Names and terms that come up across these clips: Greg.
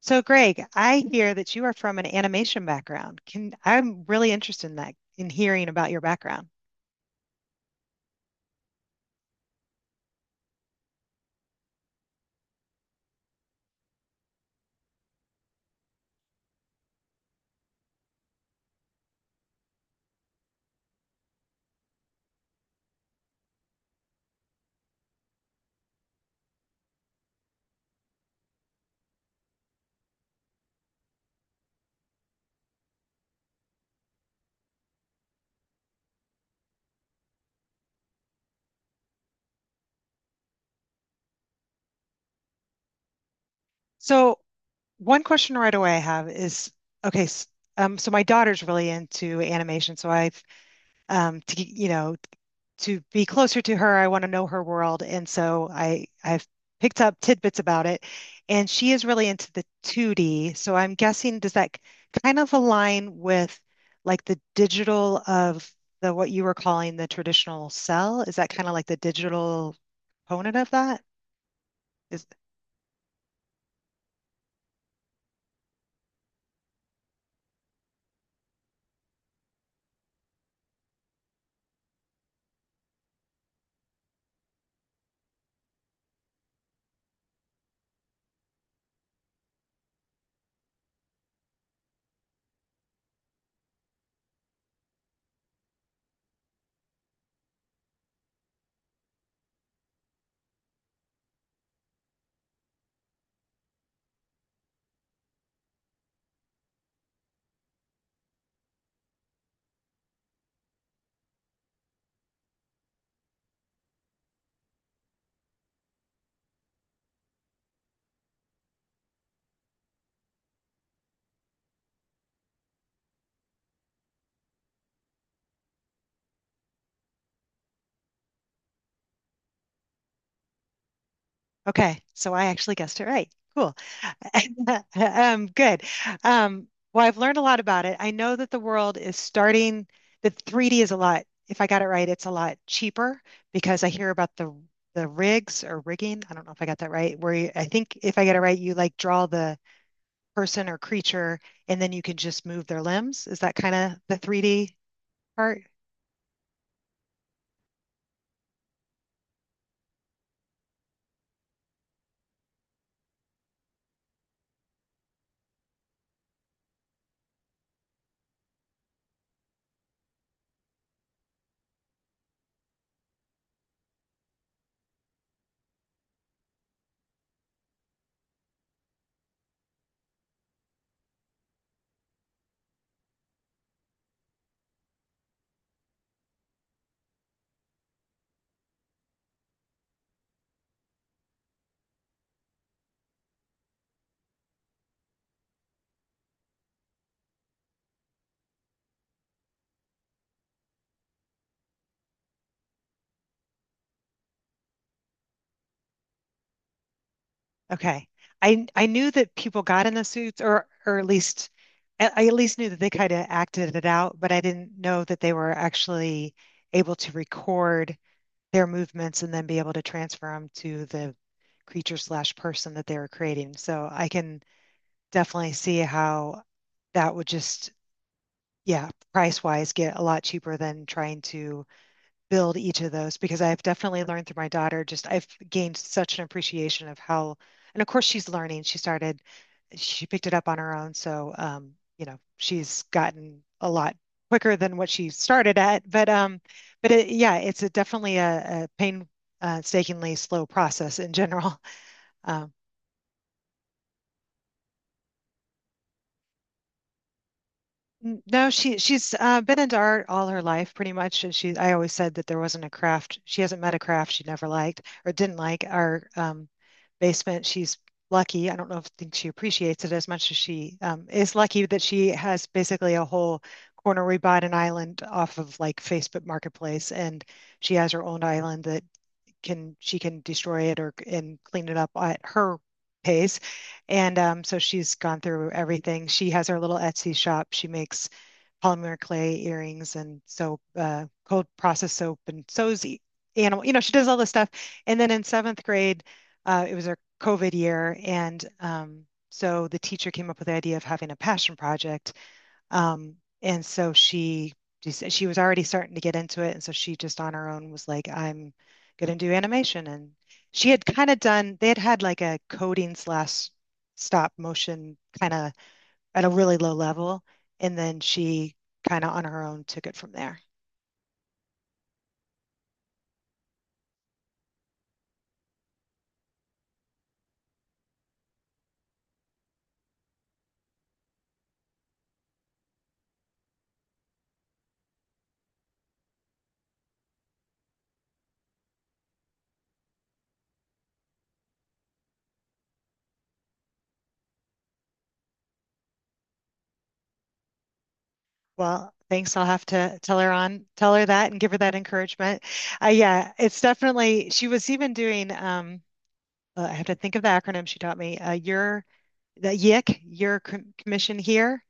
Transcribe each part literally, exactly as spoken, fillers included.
So, Greg, I hear that you are from an animation background. Can I'm really interested in that, in hearing about your background. So, one question right away I have is, okay, s- um, so my daughter's really into animation, so I've, um, t you know, to be closer to her. I want to know her world, and so I I've picked up tidbits about it, and she is really into the two D. So I'm guessing, does that kind of align with like the digital of the what you were calling the traditional cell? Is that kind of like the digital component of that? Is Okay. So I actually guessed it right. Cool. Um, good. Um, well, I've learned a lot about it. I know that the world is starting, the three D is a lot, if I got it right, it's a lot cheaper because I hear about the the rigs or rigging. I don't know if I got that right, where you, I think if I get it right, you like draw the person or creature and then you can just move their limbs. Is that kind of the three D part? Okay. I I knew that people got in the suits, or or at least I I at least knew that they kind of acted it out, but I didn't know that they were actually able to record their movements and then be able to transfer them to the creature slash person that they were creating. So I can definitely see how that would just, yeah, price wise, get a lot cheaper than trying to build each of those, because I've definitely learned through my daughter, just I've gained such an appreciation of how, and of course she's learning. She started she picked it up on her own. So, um, you know, she's gotten a lot quicker than what she started at. But, um, but it, yeah, it's a, definitely a, a painstakingly slow process in general. Um, N- No, she she's uh, been into art all her life, pretty much. And she, I always said that there wasn't a craft. She hasn't met a craft she never liked or didn't like. Our um, basement, she's lucky. I don't know if think she appreciates it as much as she um, is lucky that she has basically a whole corner. We bought an island off of like Facebook Marketplace, and she has her own island that can she can destroy it or and clean it up at her pace. And um, so she's gone through everything. She has her little Etsy shop. She makes polymer clay earrings and soap, uh, cold process soap, and sews e- animal. You know, she does all this stuff. And then in seventh grade, uh, it was her COVID year, and um, so the teacher came up with the idea of having a passion project. Um, and so she she was already starting to get into it, and so she just on her own was like, "I'm going to do animation." And she had kind of done, they had had like a coding slash stop motion kind of at a really low level. And then she kind of on her own took it from there. Well, thanks. I'll have to tell her on, tell her that and give her that encouragement. Uh, yeah, it's definitely, she was even doing, um, uh, I have to think of the acronym she taught me, uh, your, the Y I C, your com- commission here.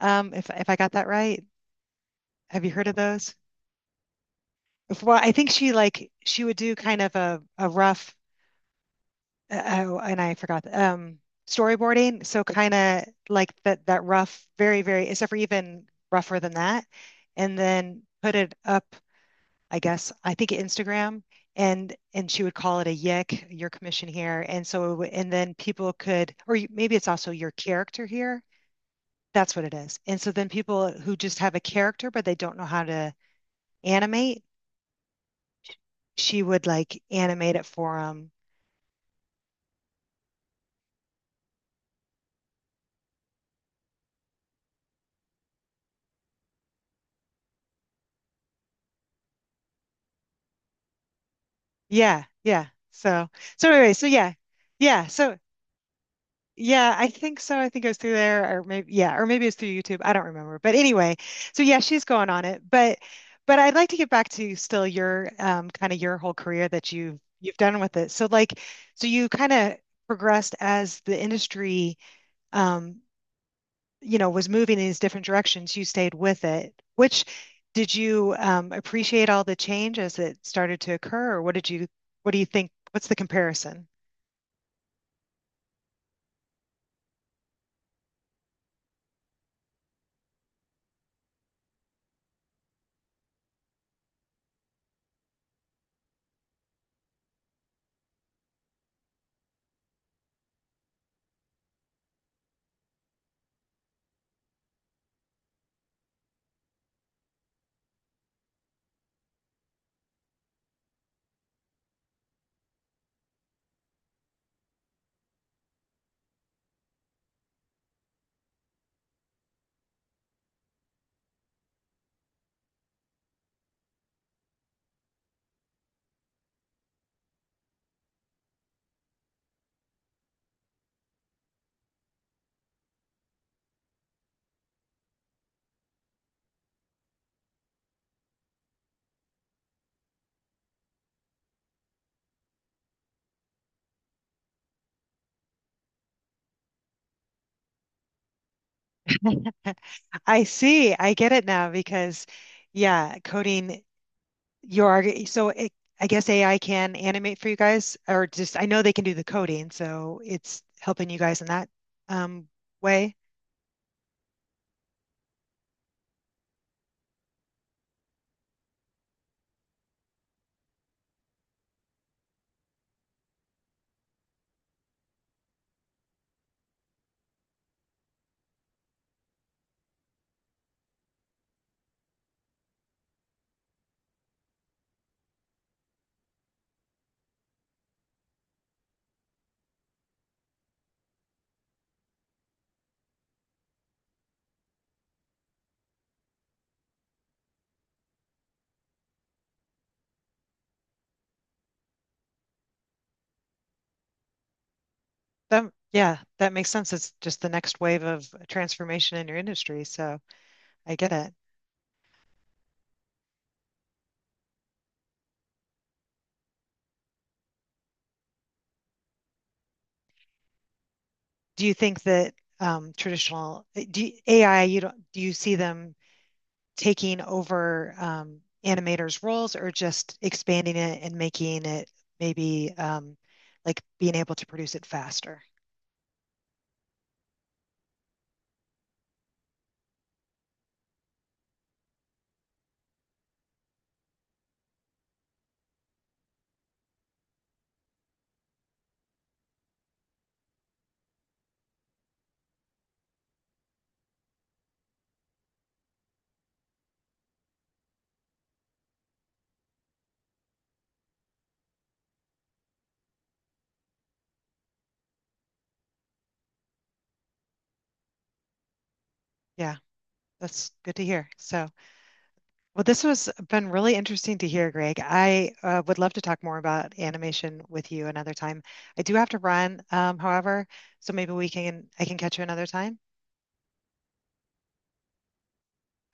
Um, if, if I got that right, have you heard of those? Well, I think she like, she would do kind of a, a rough uh, oh, and I forgot. Um, storyboarding. So kind of like that that rough, very, very, except for even rougher than that, and then put it up. I guess, I think, Instagram, and and she would call it a yick, your commission here, and so it would- and then people could, or you- maybe it's also your character here. That's what it is. And so then people who just have a character but they don't know how to animate, she would like animate it for them. Yeah, yeah. So so anyway, so yeah, yeah. So yeah, I think so. I think it was through there, or maybe yeah, or maybe it was through YouTube. I don't remember. But anyway, so yeah, she's going on it. But but I'd like to get back to still your um kind of your whole career that you've you've done with it. So like, so you kind of progressed as the industry um you know was moving in these different directions. You stayed with it. Which did you um appreciate all the change as it started to occur, or what did you what do you think? What's the comparison? I see. I get it now because, yeah, coding your arg- so it, I guess A I can animate for you guys, or just I know they can do the coding, so it's helping you guys in that um, way. But yeah, that makes sense. It's just the next wave of transformation in your industry, so I get it. Do you think that um, traditional do you- A I, you don't do you see them taking over um, animators' roles, or just expanding it and making it maybe um, like being able to produce it faster. Yeah, that's good to hear. So, well, this was been really interesting to hear, Greg. I uh, would love to talk more about animation with you another time. I do have to run, um, however, so maybe we can I can catch you another time.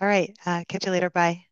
All right, uh, catch you later. Bye.